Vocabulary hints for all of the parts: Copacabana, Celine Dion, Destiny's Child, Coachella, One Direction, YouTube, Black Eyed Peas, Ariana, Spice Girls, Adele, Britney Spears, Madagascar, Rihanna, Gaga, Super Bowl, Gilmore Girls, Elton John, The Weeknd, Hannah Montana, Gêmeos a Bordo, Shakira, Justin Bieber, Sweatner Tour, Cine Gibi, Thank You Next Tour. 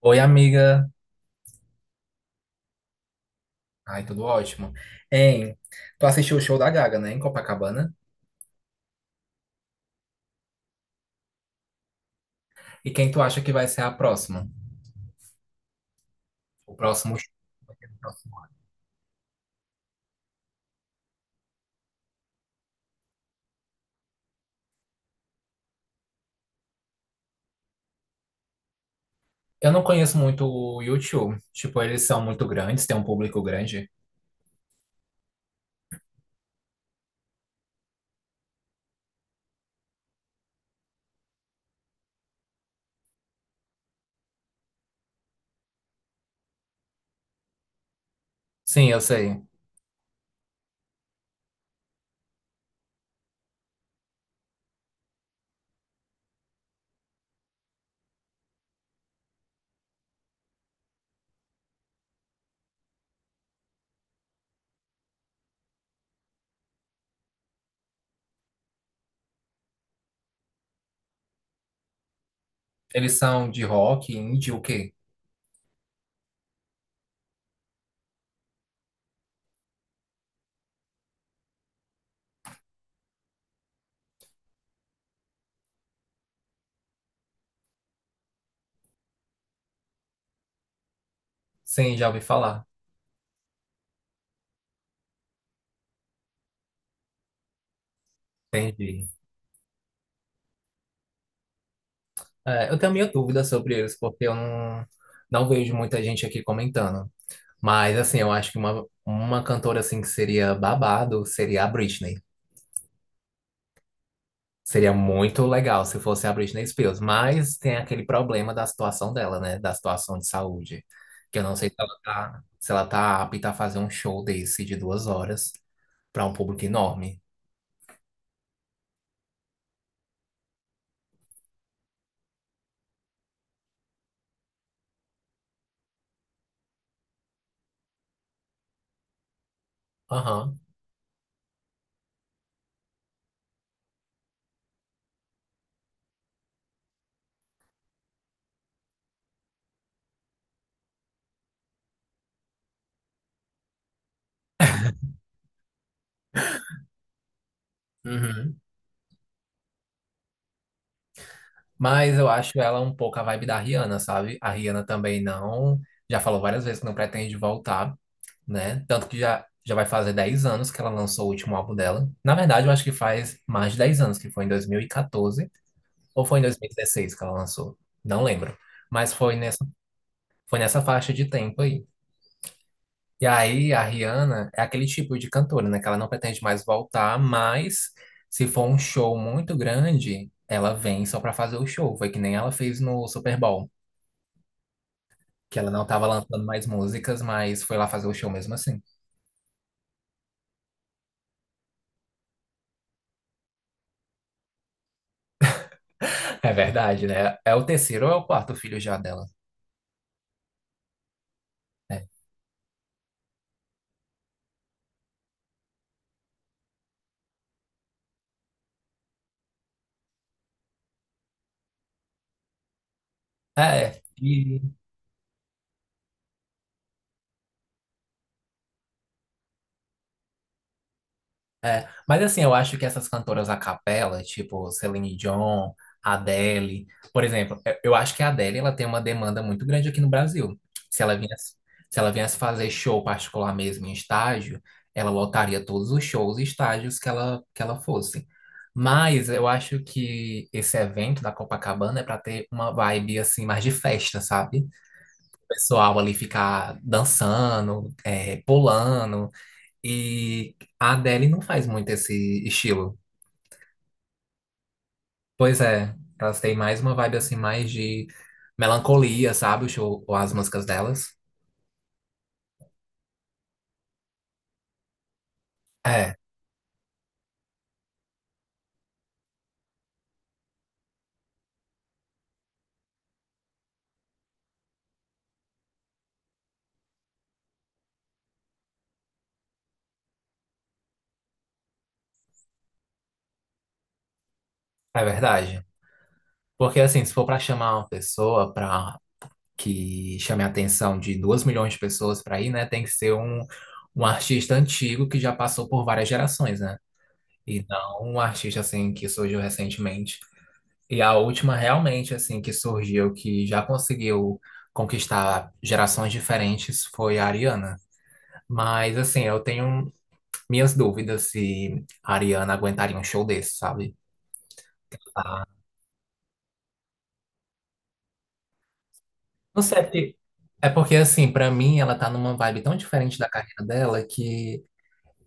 Oi, amiga. Ai, tudo ótimo. Hein, tu assistiu o show da Gaga, né, em Copacabana? E quem tu acha que vai ser a próxima? O próximo show. Eu não conheço muito o YouTube. Tipo, eles são muito grandes, tem um público grande. Sim, eu sei. Eles são de rock, indie, o quê? Sim, já ouvi falar. Entendi. É, eu tenho minha dúvida sobre eles, porque eu não, não vejo muita gente aqui comentando. Mas, assim, eu acho que uma cantora, assim, que seria babado seria a Britney. Seria muito legal se fosse a Britney Spears, mas tem aquele problema da situação dela, né? Da situação de saúde. Que eu não sei se ela tá, se ela tá apta a fazer um show desse de 2 horas para um público enorme. Aham. Uhum. Mas eu acho ela um pouco a vibe da Rihanna, sabe? A Rihanna também não. Já falou várias vezes que não pretende voltar, né? Tanto que já vai fazer 10 anos que ela lançou o último álbum dela. Na verdade, eu acho que faz mais de 10 anos, que foi em 2014. Ou foi em 2016 que ela lançou? Não lembro. Mas foi nessa faixa de tempo aí. E aí, a Rihanna é aquele tipo de cantora, né? Que ela não pretende mais voltar, mas se for um show muito grande, ela vem só pra fazer o show. Foi que nem ela fez no Super Bowl, que ela não tava lançando mais músicas, mas foi lá fazer o show mesmo assim. É verdade, né? É o terceiro ou é o quarto filho já dela? É. É. E é, mas assim, eu acho que essas cantoras a capela, tipo Celine Dion, Adele, por exemplo, eu acho que a Adele ela tem uma demanda muito grande aqui no Brasil. Se ela viesse, Se ela viesse fazer show particular mesmo em estágio, ela lotaria todos os shows e estágios que que ela fosse. Mas eu acho que esse evento da Copacabana é para ter uma vibe assim mais de festa, sabe? O pessoal ali ficar dançando, é, pulando. E a Adele não faz muito esse estilo. Pois é, elas têm mais uma vibe assim, mais de melancolia, sabe? O show- ou as músicas delas. É, é verdade. Porque assim, se for pra chamar uma pessoa pra que chame a atenção de 2 milhões de pessoas pra ir, né? Tem que ser um artista antigo que já passou por várias gerações, né? E não um artista assim que surgiu recentemente. E a última realmente assim que surgiu que já conseguiu conquistar gerações diferentes foi a Ariana. Mas assim, eu tenho minhas dúvidas se a Ariana aguentaria um show desse, sabe? Não sei, é porque, assim, pra mim ela tá numa vibe tão diferente da carreira dela que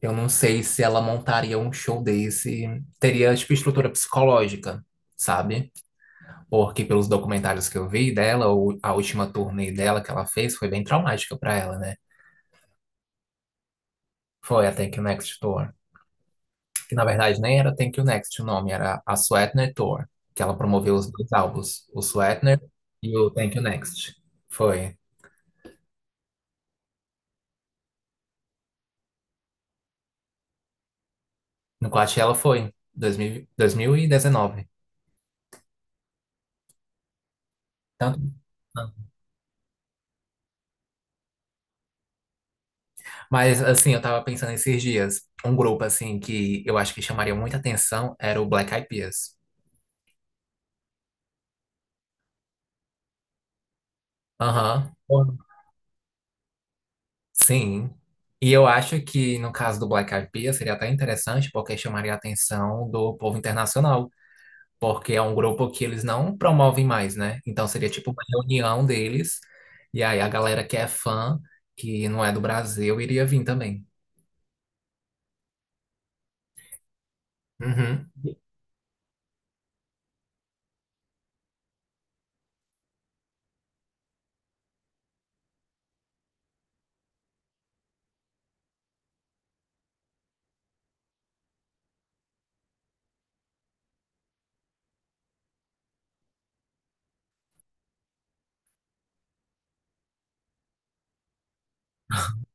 eu não sei se ela montaria um show desse, teria tipo estrutura psicológica, sabe? Porque pelos documentários que eu vi dela, o- a última turnê dela que ela fez foi bem traumática pra ela, né? Foi a Thank You Next Tour. Que na verdade nem era Thank You Next o nome, era a Sweatner Tour. Que ela promoveu os dois álbuns, o Sweatner e o Thank You Next. Foi. No Coachella foi, 2000, 2019. Tanto. Mas assim, eu tava pensando esses dias. Um grupo assim que eu acho que chamaria muita atenção era o Black Eyed Peas. Aham. Sim. E eu acho que no caso do Black Eyed Peas seria até interessante porque chamaria a atenção do povo internacional. Porque é um grupo que eles não promovem mais, né? Então seria tipo uma reunião deles, e aí a galera que é fã, que não é do Brasil, iria vir também. Uhum.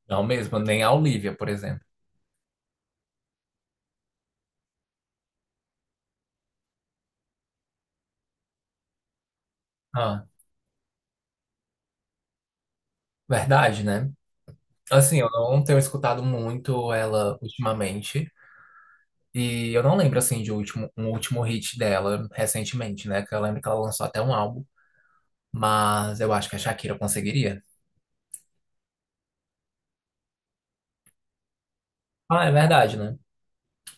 Não mesmo, nem a Olivia, por exemplo. Ah, verdade, né? Assim, eu não tenho escutado muito ela ultimamente. E eu não lembro, assim, de último, um último hit dela recentemente, né? Que eu lembro que ela lançou até um álbum. Mas eu acho que a Shakira conseguiria. Ah, é verdade, né?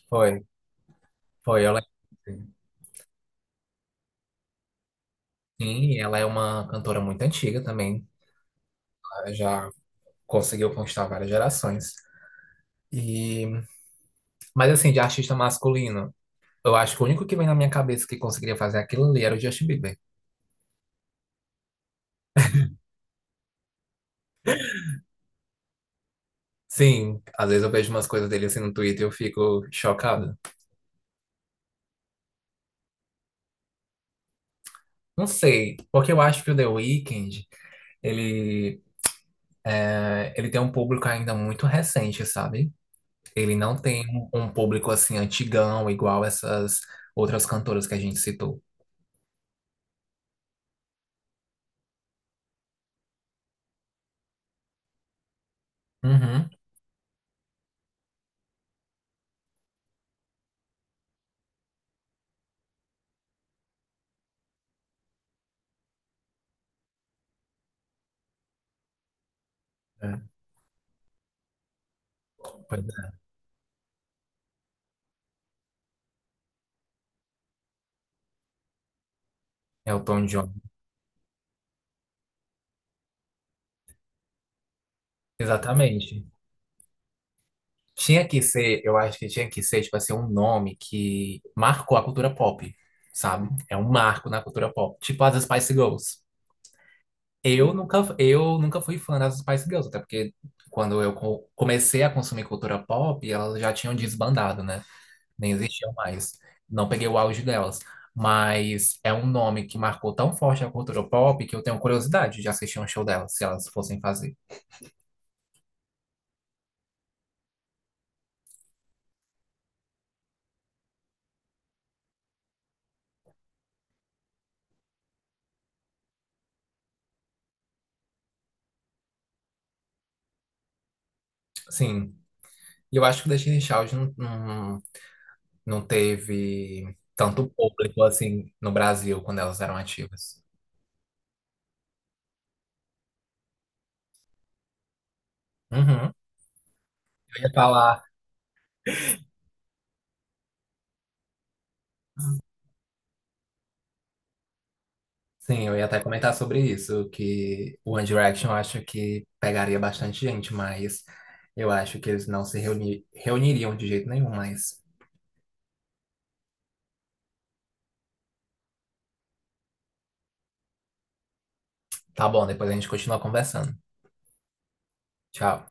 Foi, foi, eu lembro. Sim, e ela é uma cantora muito antiga também. Ela já conseguiu conquistar várias gerações. E, mas assim, de artista masculino, eu acho que o único que vem na minha cabeça que conseguiria fazer aquilo ali era o Justin Bieber. Sim, às vezes eu vejo umas coisas dele assim no Twitter e eu fico chocado. Não sei, porque eu acho que o The Weeknd, ele, eh, ele tem um público ainda muito recente, sabe? Ele não tem um público assim antigão, igual essas outras cantoras que a gente citou. Uhum. É, pois é. Elton John. Exatamente. Tinha que ser, eu acho que tinha que ser, tipo assim, um nome que marcou a cultura pop, sabe? É um marco na cultura pop. Tipo as Spice Girls. Eu nunca fui fã das Spice Girls, até porque quando eu co- comecei a consumir cultura pop, elas já tinham desbandado, né? Nem existiam mais. Não peguei o auge delas. Mas é um nome que marcou tão forte a cultura pop que eu tenho curiosidade de assistir um show delas, se elas fossem fazer. Sim. E eu acho que o Destiny's Child não- Não teve tanto público assim no Brasil quando elas eram ativas. Uhum. Eu ia falar, sim, eu ia até comentar sobre isso, que o One Direction eu acho que pegaria bastante gente, mas eu acho que eles não se reuni- reuniriam de jeito nenhum, mas tá bom, depois a gente continua conversando. Tchau.